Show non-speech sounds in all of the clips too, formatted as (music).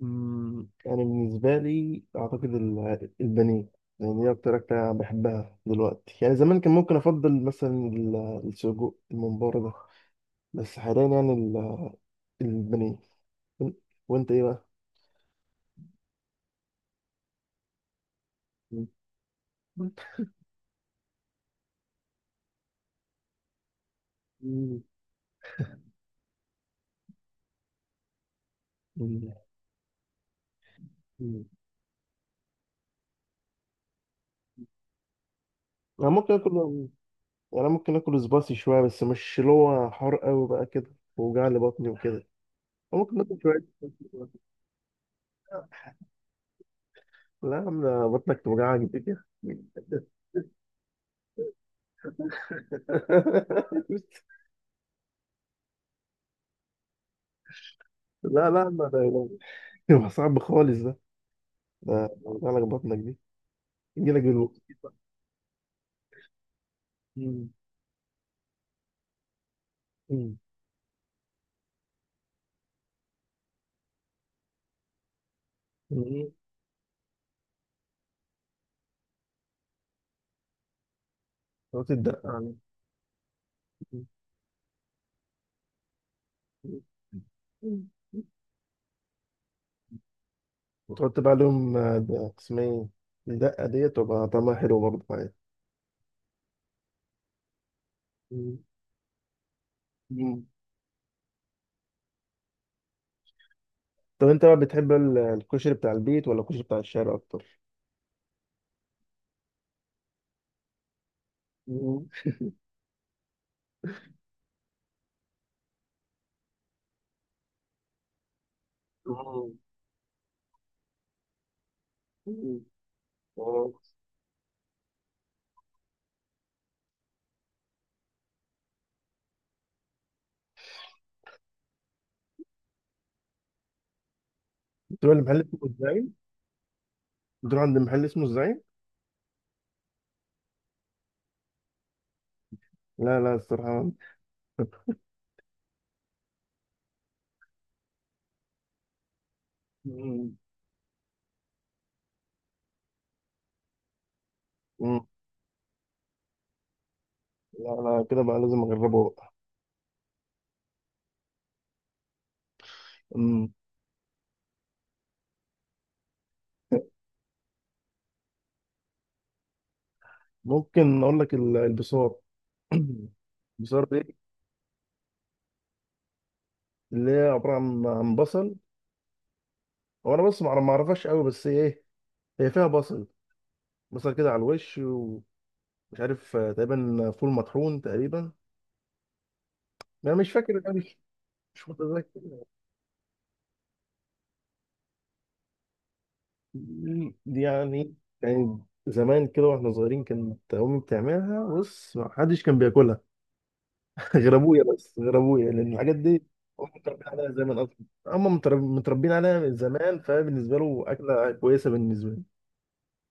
يعني بالنسبة لي أعتقد البانيه. يعني دي أكتر أكلة أنا بحبها دلوقتي. يعني زمان كان ممكن أفضل مثلا السجق الممبار ده. بس حاليا يعني البانيه. وأنت إيه بقى؟ مم. مم. مم. مم. أنا ممكن آكل يعني. أنا ممكن آكل سبايسي شوية، بس مش اللي هو حار أوي بقى كده ووجع لي بطني وكده. ممكن آكل شوية. لا يا عم، ده بطنك توجعك دي كده. (laughs) لا لا، ما ده، ده (laughs) صعب خالص ده. ده وجع لك بطنك دي. يجي لك بالوقت. مم. مم. مم. تقعد تدق عليه. مم. مم. وتحط بقى عليهم، ده اسمها ايه؟ الدقة ديت تبقى طعمها حلو برضه معايا. مم. مم. طب انت بقى بتحب الكشري بتاع البيت ولا الكشري بتاع الشارع اكتر؟ مم. مم. مم. آه. بتروح لمحل اسمه الزعيم؟ بتروح عند محل اسمه الزعيم؟ لا لا الصراحة. مم. مم. لا لا، كده بقى لازم اجربه. مم. ممكن اقول لك البصار. (clears throat) البصار دي اللي هي عباره عن بصل. هو انا بس ما اعرفهاش قوي، بس هي ايه؟ هي فيها بصل. بصل كده على الوش ومش عارف، تقريبا فول مطحون تقريبا. انا مش فاكر، انا مش مش متذكر. دي يعني زمان كده واحنا صغيرين كانت امي بتعملها. بص، ما حدش كان بياكلها غير ابويا. بس غير ابويا لان الحاجات دي هم متربيين عليها زمان اصلا. هم متربيين عليها من زمان. فبالنسبه له اكله كويسه بالنسبه له.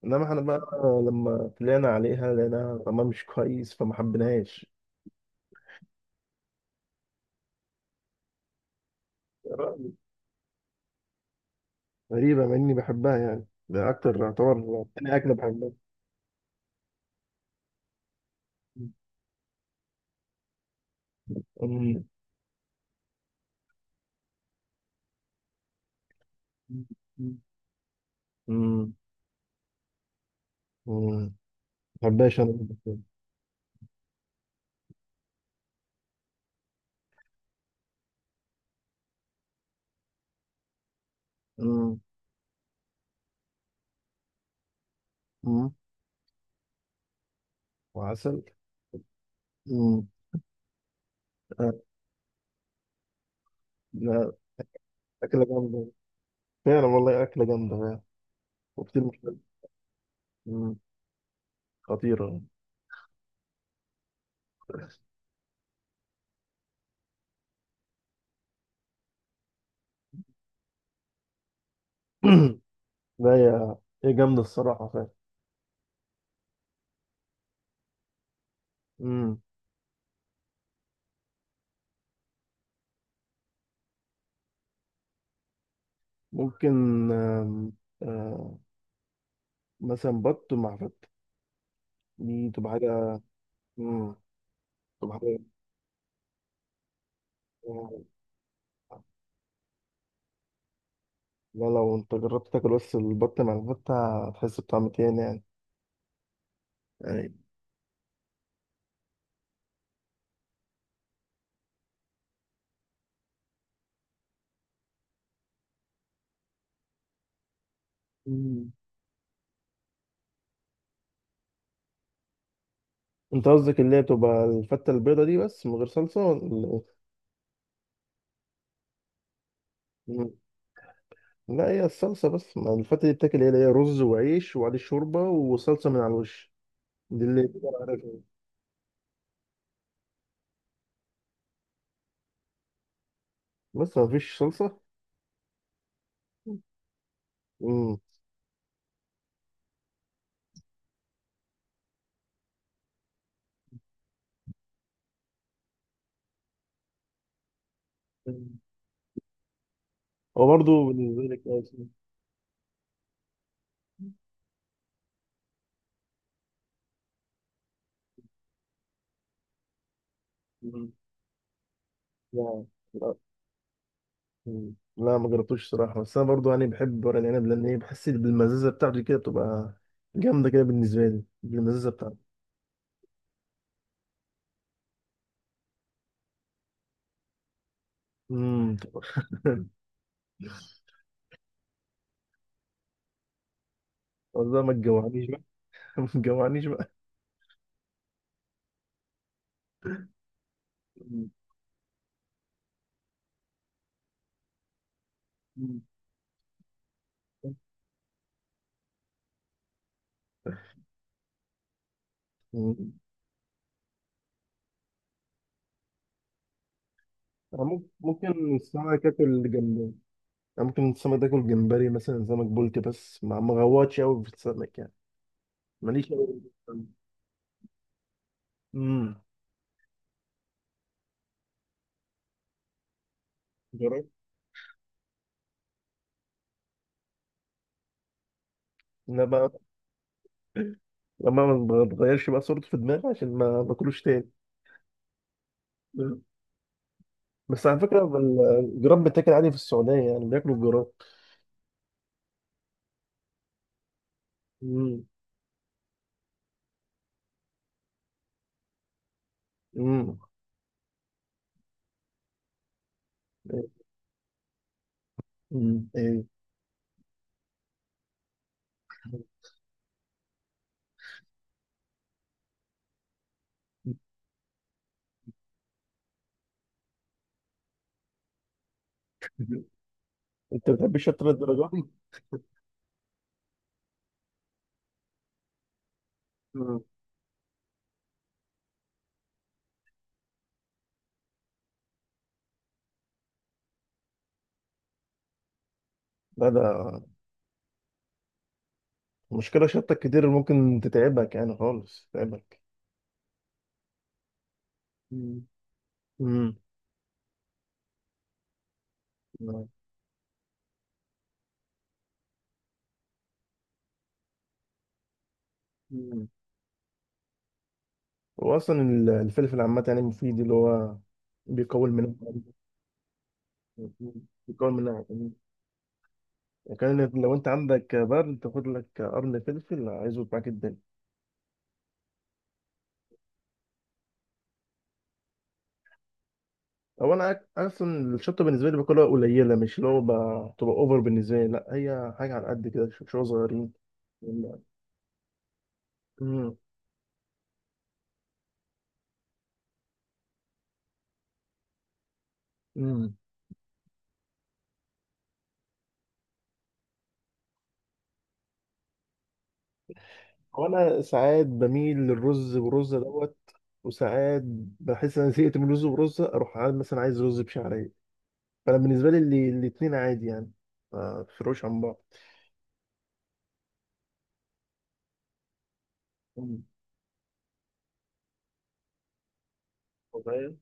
انما احنا بقى لما طلعنا عليها لقيناها طعمها مش كويس فما حبيناهاش. غريبه مع اني بحبها، يعني ده اكتر يعتبر تاني اكله بحبها. أمم. أمم. أمم. ما بحبهاش انا. أمم. أمم. وعسل. أمم. آه. لا، اكله جامده. فعلا والله اكله جامده فعلا. وكتير مش حلوة. أمم. خطيرة. (clears throat) لا، هي جامدة الصراحة فعلا. مم. ممكن. آم، آه، مثلا بط مع فتة. دي تبقى حاجة. مم. تبقى حاجة. لا، لو انت جربت تاكل بس البط مع الفتة هتحس بطعم تاني يعني مم. انت قصدك اللي هي بتبقى الفتة البيضة دي بس من غير صلصة ولا ايه؟ مم. لا، هي الصلصة بس. ما الفتة دي بتاكل ايه؟ اللي هي رز وعيش وعليه شوربة وصلصة من على الوش. دي اللي بتبقى عارفها، بس ما فيش صلصة. مم. هو برضه بالنسبة لي كويس. مم. لا لا. مم. لا، ما جربتوش صراحة، بس أنا برضه يعني بحب ورق العنب، لأن إيه، بحس إن بالمزازة بتاعته كده بتبقى جامدة كده بالنسبة لي بالمزازة بتاعته. امم. (laughs) والله ما تجوعنيش بقى. (laughs) ما تجوعنيش بقى. مم. مم. مم. أنا ممكن السمك آكل جمبري. أنا ممكن السمك آكل جمبري مثلا سمك بولتي، بس ما غواتش أوي في السمك يعني. ماليش أوي في السمك. امم. جربت. لا بقى. لما ما تغيرش بقى صورته في دماغي عشان ما باكلوش تاني. مم. بس على فكرة الجراب بتاكل عادي في السعودية، يعني بياكلوا الجراب. امم. امم. مم. ايه. (laughs) انت بتحب الشطة للدرجة دي؟ مم. لا ده. مشكلة شطة كتير اللي ممكن تتعبك يعني خالص تتعبك. مم. امم. مم. واصلا الفلفل عامة يعني مفيد اللي هو بيقوي المناعة. بيقوي المناعة، كان لو انت عندك برد تاخد لك قرن فلفل هيظبط معاك الدنيا. هو انا اصلا الشطه بالنسبه لي باكلها قليله. مش اللي هو تبقى اوفر بالنسبه لي، لا هي حاجه على قد كده، شويه صغيرين. امم. امم. هو انا ساعات بميل للرز برزه دوت. وساعات بحس ان انا زهقت من الرز برزه اروح مثلا عايز رز بشعريه. فانا بالنسبه لي الاتنين عادي يعني. ما بيفرقوش عن بعض. امم. فاهم.